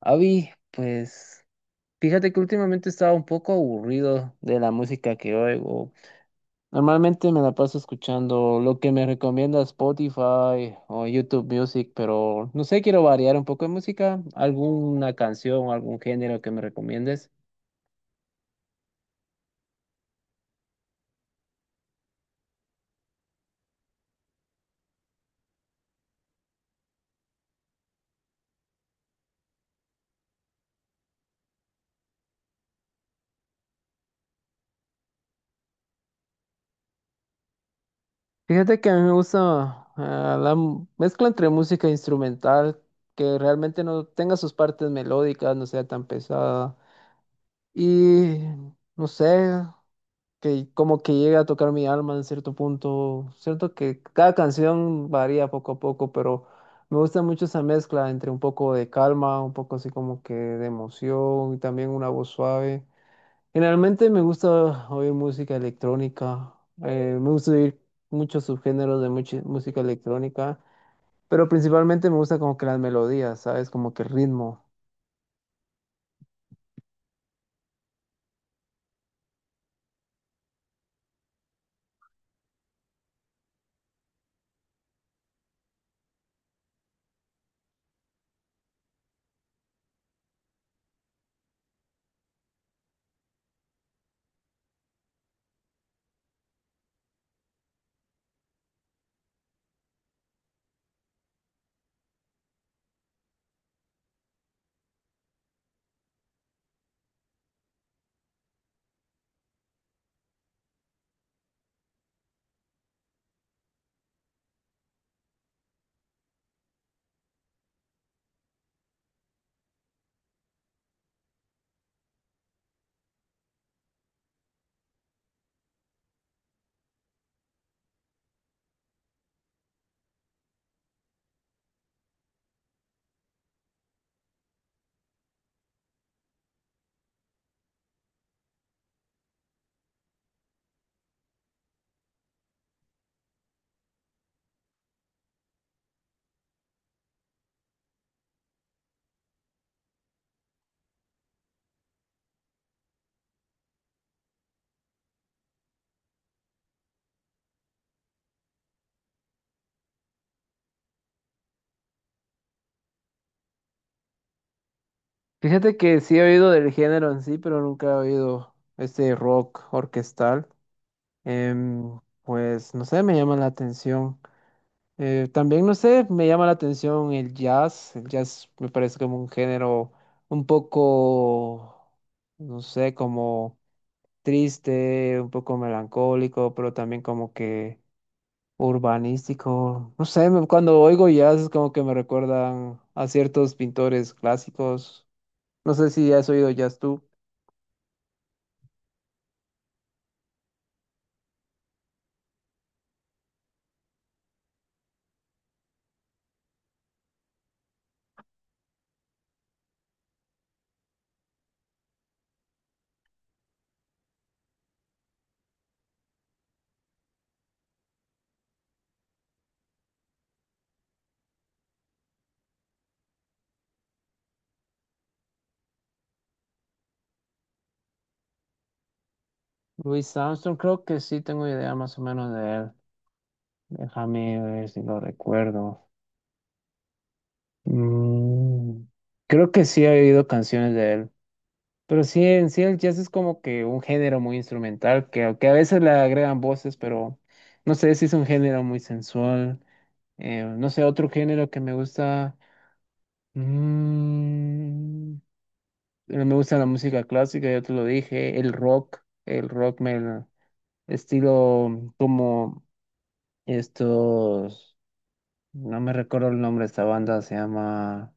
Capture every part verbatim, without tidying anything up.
Avi, pues fíjate que últimamente estaba un poco aburrido de la música que oigo. Normalmente me la paso escuchando lo que me recomienda Spotify o YouTube Music, pero no sé, quiero variar un poco de música, alguna canción, algún género que me recomiendes. Fíjate que a mí me gusta ah, la m- mezcla entre música instrumental, que realmente no tenga sus partes melódicas, no sea tan pesada. Y no sé, que como que llega a tocar mi alma en cierto punto. Cierto que cada canción varía poco a poco, pero me gusta mucho esa mezcla entre un poco de calma, un poco así como que de emoción y también una voz suave. Generalmente me gusta oír música electrónica. Eh, me gusta oír muchos subgéneros de muchi- música electrónica, pero principalmente me gusta como que las melodías, ¿sabes? Como que el ritmo. Fíjate que sí he oído del género en sí, pero nunca he oído este rock orquestal. Em, pues no sé, me llama la atención. Eh, también no sé, me llama la atención el jazz. El jazz me parece como un género un poco, no sé, como triste, un poco melancólico, pero también como que urbanístico. No sé, me- cuando oigo jazz es como que me recuerdan a ciertos pintores clásicos. No sé si has oído jazz tú. Louis Armstrong, creo que sí tengo idea más o menos de él. Déjame ver si lo recuerdo. Mm, creo que sí he oído canciones de él, pero sí, en sí el jazz es como que un género muy instrumental, que, aunque a veces le agregan voces, pero no sé si es un género muy sensual. Eh, no sé, otro género que me gusta, mm, eh, me gusta la música clásica, ya te lo dije, el rock. El rock me estilo como estos, no me recuerdo el nombre de esta banda, se llama...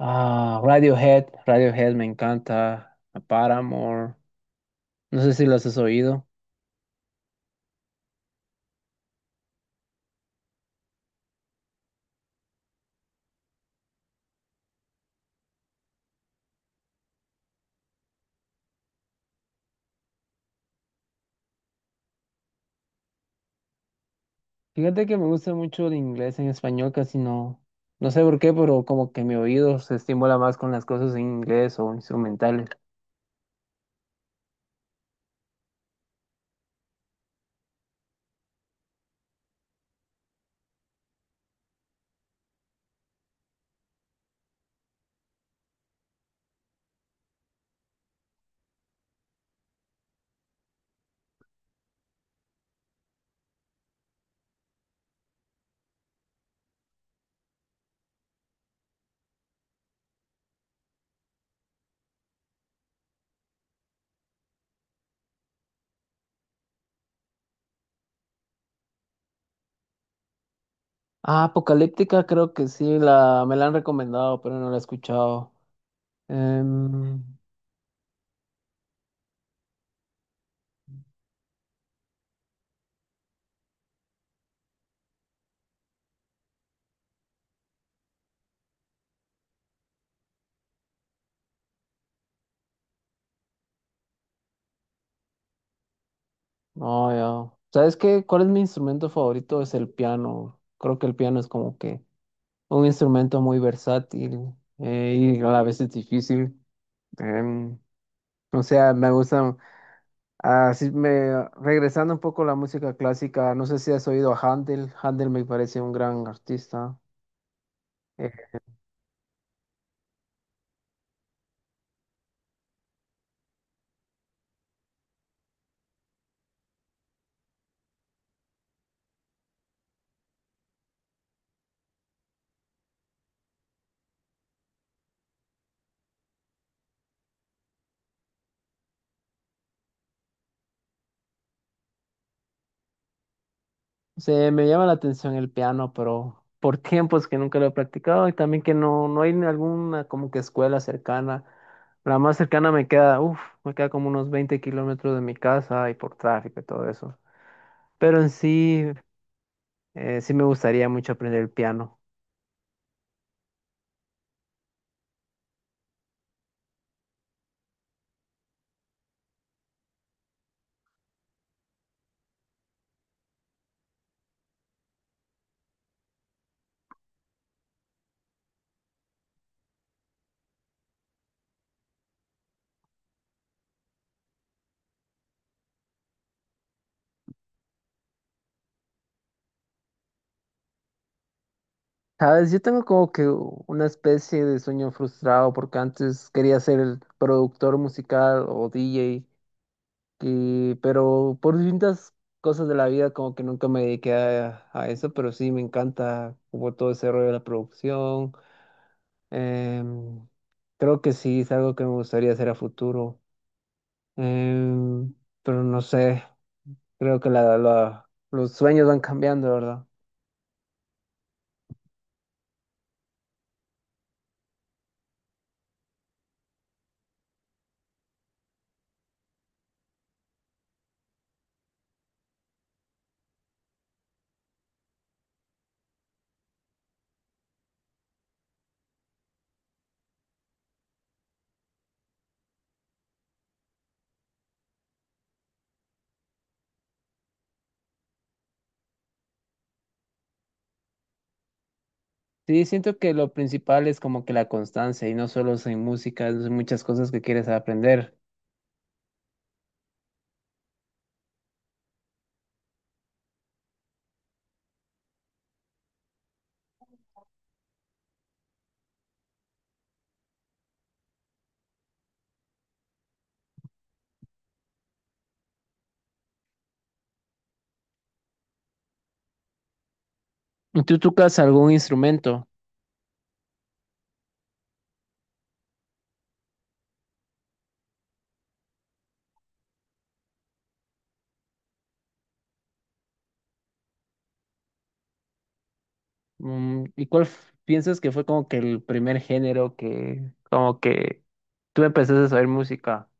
Ah, Radiohead, Radiohead me encanta, a Paramore, no sé si los has oído. Fíjate que me gusta mucho el inglés en español, casi no, no sé por qué, pero como que mi oído se estimula más con las cosas en inglés o instrumentales. Ah, Apocalíptica creo que sí, la, me la han recomendado, pero no la he escuchado. Em, no, ya. ¿Sabes qué? ¿Cuál es mi instrumento favorito? Es el piano. Creo que el piano es como que un instrumento muy versátil, eh, y a la vez es difícil. Em, o sea, me gusta, así me, regresando un poco a la música clásica, no sé si has oído a Handel. Handel me parece un gran artista. Eh, Se me llama la atención el piano, pero por tiempos que nunca lo he practicado y también que no, no hay ni alguna como que escuela cercana. La más cercana me queda, uff, me queda como unos veinte kilómetros de mi casa y por tráfico y todo eso. Pero en sí, eh, sí me gustaría mucho aprender el piano. Sabes, yo tengo como que una especie de sueño frustrado porque antes quería ser el productor musical o D J, y- pero por distintas cosas de la vida como que nunca me dediqué a, a eso, pero sí me encanta como todo ese rollo de la producción. Em, Creo que sí es algo que me gustaría hacer a futuro. Em, pero no sé, creo que la, la- los sueños van cambiando, ¿verdad? Sí, siento que lo principal es como que la constancia y no solo en música, es muchas cosas que quieres aprender. ¿Y tú tocas algún instrumento? Mm, ¿y cuál f- piensas que fue como que el primer género que como que tú empezaste a saber música?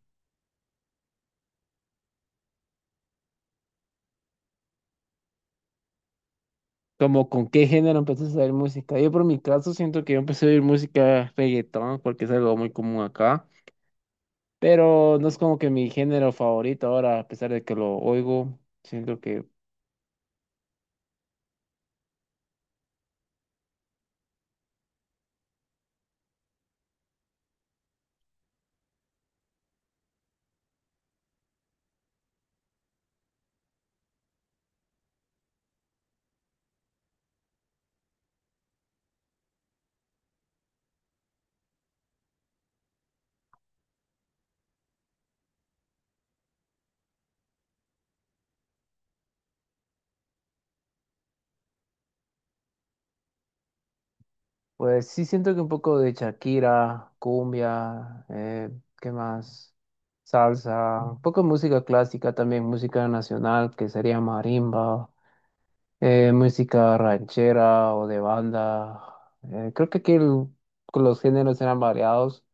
¿Como con qué género empezaste a saber música? Yo por mi caso siento que yo empecé a oír música reggaetón porque es algo muy común acá, pero no es como que mi género favorito ahora, a pesar de que lo oigo, siento que... Pues sí siento que un poco de Shakira, cumbia. Eh, ¿qué más? Salsa, un poco de música clásica también, música nacional que sería marimba, eh, música ranchera o de banda. Eh, creo que aquí el- los géneros eran variados.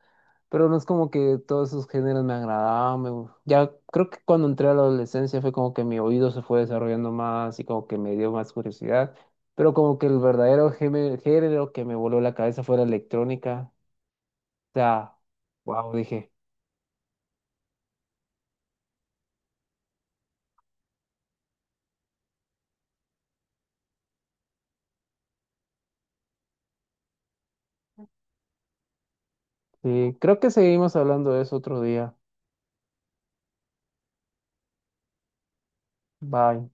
Pero no es como que todos esos géneros me agradaban. me gu- Ya creo que cuando entré a la adolescencia fue como que mi oído se fue desarrollando más y como que me dio más curiosidad. Pero como que el verdadero geme- género que me voló la cabeza fue la electrónica. O sea, wow, dije. Sí, creo que seguimos hablando de eso otro día. Bye.